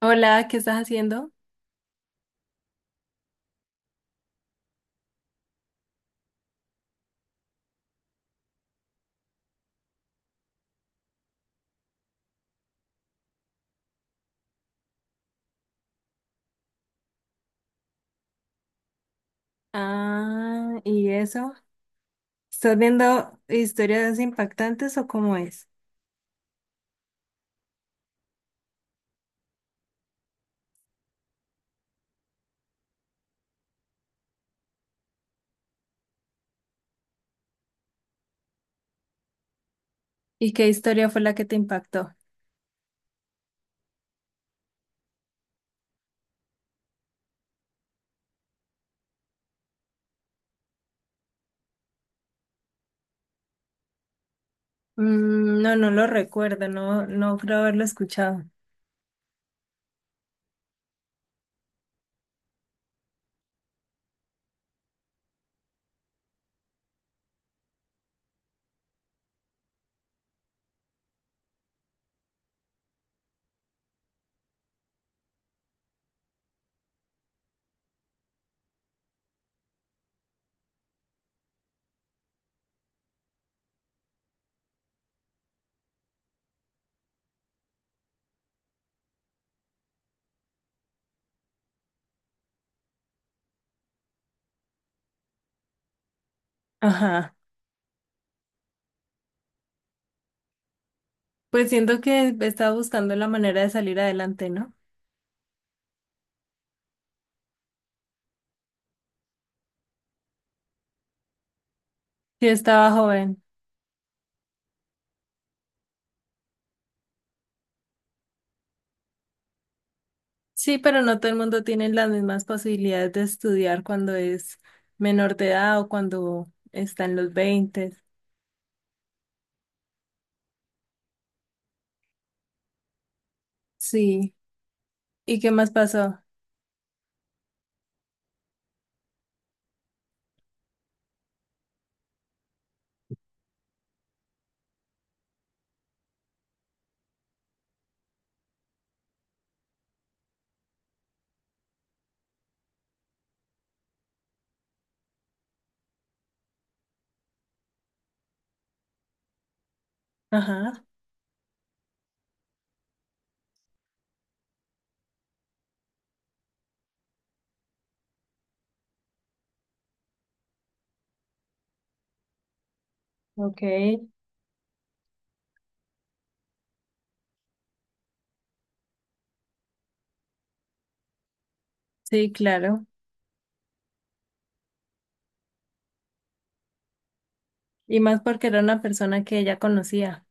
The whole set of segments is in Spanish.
Hola, ¿qué estás haciendo? Ah, ¿y eso? ¿Estás viendo historias impactantes o cómo es? ¿Y qué historia fue la que te impactó? Mm, no, no lo recuerdo, no, no creo haberlo escuchado. Ajá. Pues siento que estaba buscando la manera de salir adelante, ¿no? Yo estaba joven. Sí, pero no todo el mundo tiene las mismas posibilidades de estudiar cuando es menor de edad o cuando está en los veinte. Sí. ¿Y qué más pasó? Ajá. Ok. Sí, claro. Y más porque era una persona que ella conocía.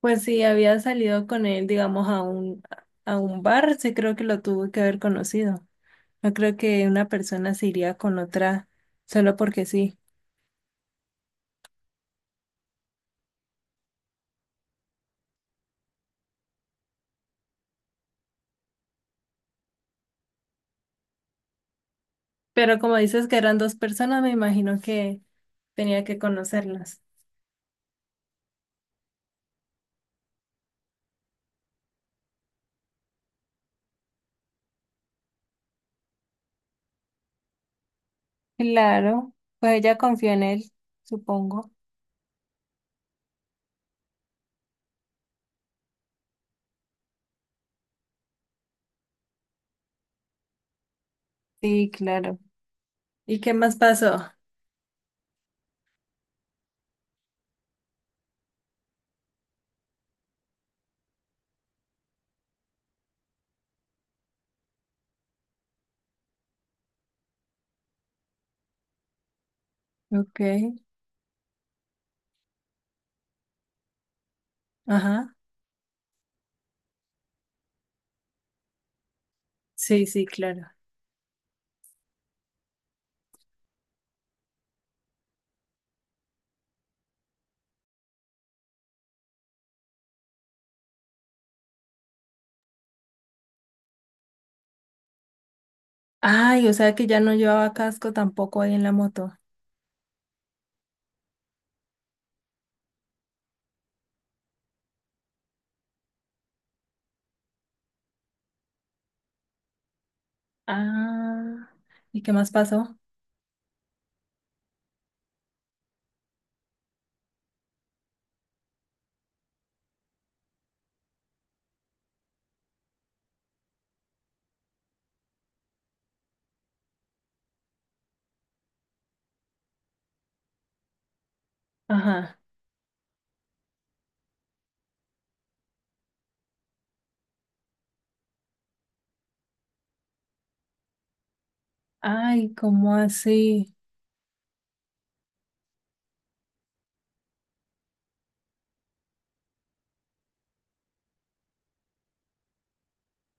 Pues sí, había salido con él, digamos, a un bar, sí creo que lo tuvo que haber conocido. No creo que una persona se iría con otra solo porque sí. Pero como dices que eran dos personas, me imagino que tenía que conocerlas. Claro, pues ella confió en él, supongo. Sí, claro. ¿Y qué más pasó? Ok, ajá. Sí, sí, claro. Ay, o sea que ya no llevaba casco tampoco ahí en la moto. Ah, ¿y qué más pasó? Ajá. Ay, ¿cómo así?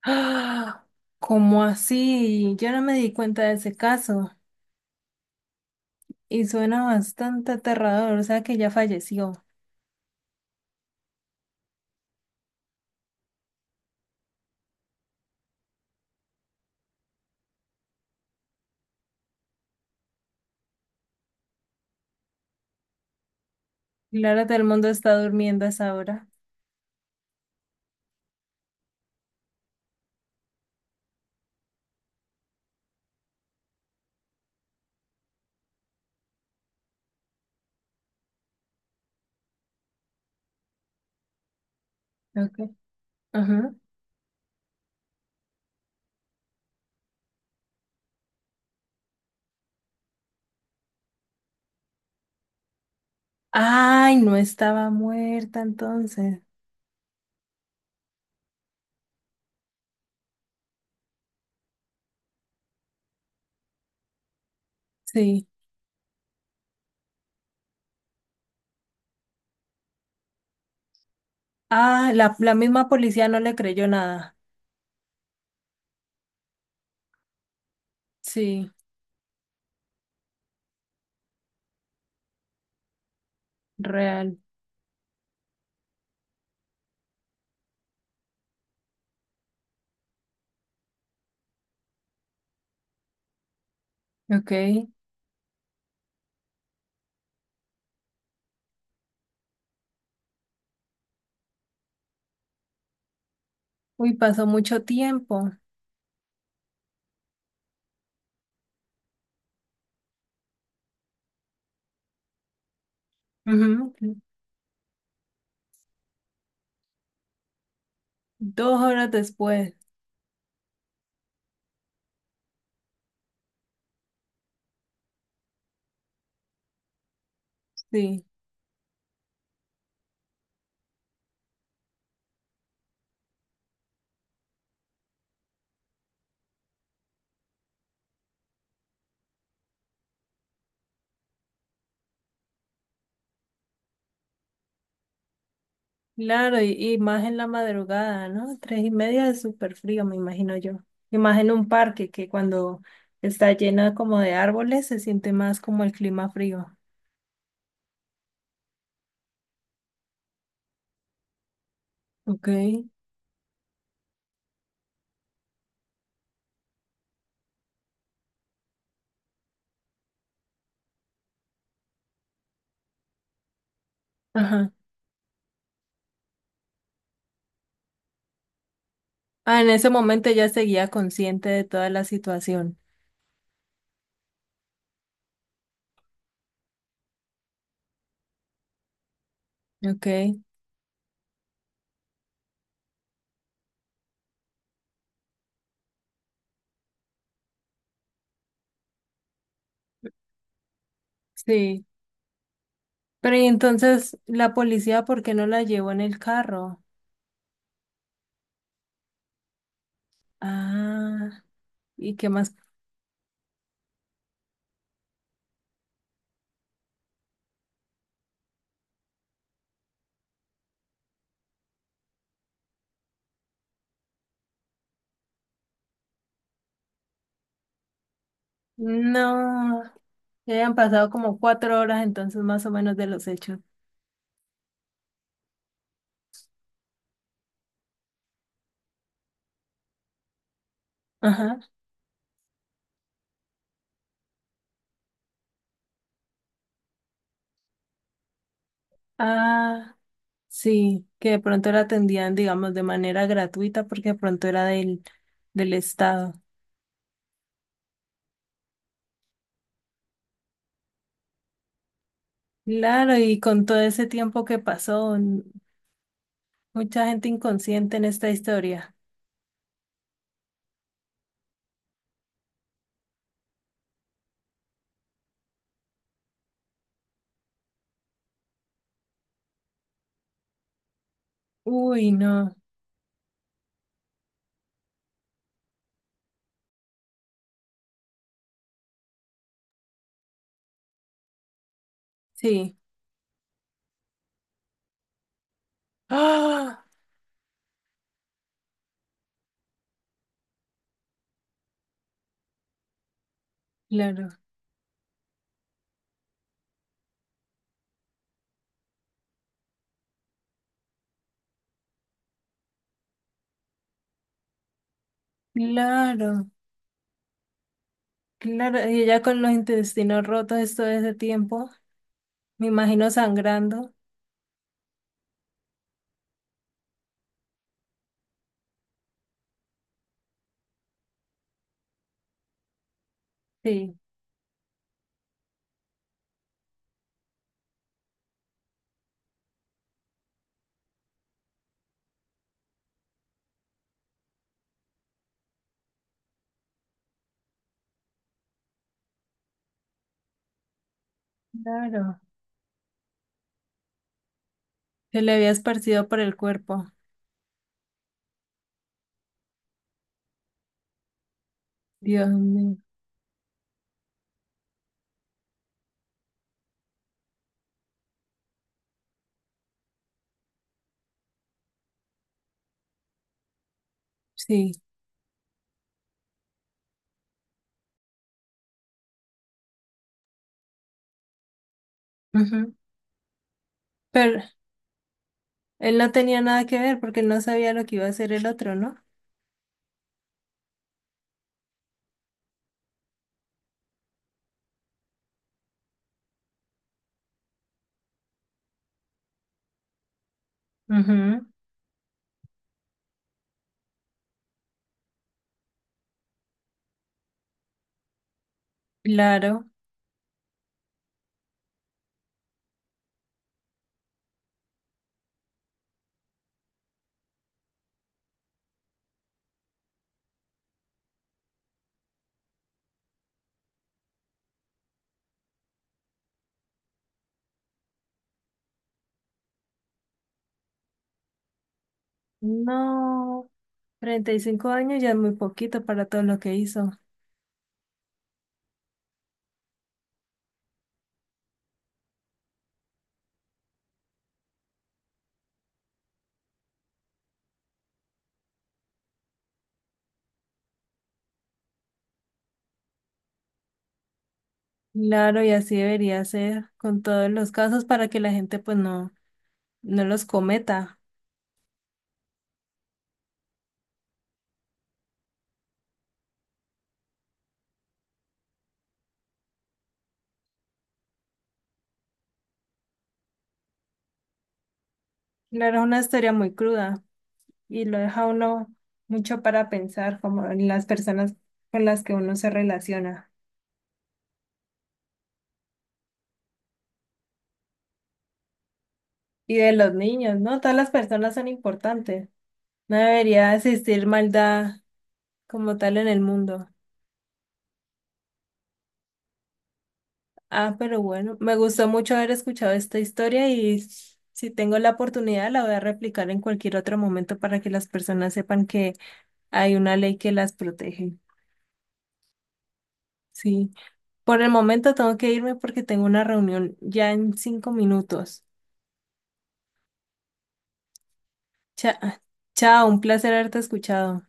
¡Ah! ¿Cómo así? Yo no me di cuenta de ese caso y suena bastante aterrador, o sea que ya falleció. Claro, todo el mundo está durmiendo a esa hora. Okay. Ajá. Ay, no estaba muerta entonces. Sí. Ah, la misma policía no le creyó nada. Sí, real. Ok. Uy, pasó mucho tiempo. Ujú. 2 horas después. Sí, claro, y más en la madrugada, ¿no? 3:30 es súper frío, me imagino yo. Y más en un parque que cuando está llena como de árboles se siente más como el clima frío. Ok, ajá. Ah, en ese momento ya seguía consciente de toda la situación. Ok, sí. Pero y entonces la policía, ¿por qué no la llevó en el carro? Ah, ¿y qué más? No, ya han pasado como 4 horas entonces más o menos de los hechos. Ajá. Ah. Sí, que de pronto la atendían, digamos, de manera gratuita porque de pronto era del Estado. Claro, y con todo ese tiempo que pasó, mucha gente inconsciente en esta historia. Uy, no, sí. Ah, claro, claro, claro. Y ella con los intestinos rotos todo ese tiempo, me imagino sangrando. Sí, claro. Se le había esparcido por el cuerpo. Dios mío, sí. Ujú. Pero él no tenía nada que ver porque él no sabía lo que iba a hacer el otro, ¿no? Ujú. Claro. No, 35 años ya es muy poquito para todo lo que hizo. Claro, y así debería ser con todos los casos para que la gente pues no los cometa. Claro, es una historia muy cruda y lo deja uno mucho para pensar, como en las personas con las que uno se relaciona. Y de los niños, ¿no? Todas las personas son importantes. No debería existir maldad como tal en el mundo. Ah, pero bueno, me gustó mucho haber escuchado esta historia y si tengo la oportunidad la voy a replicar en cualquier otro momento para que las personas sepan que hay una ley que las protege. Sí. Por el momento tengo que irme porque tengo una reunión ya en 5 minutos. Cha- chao, un placer haberte escuchado.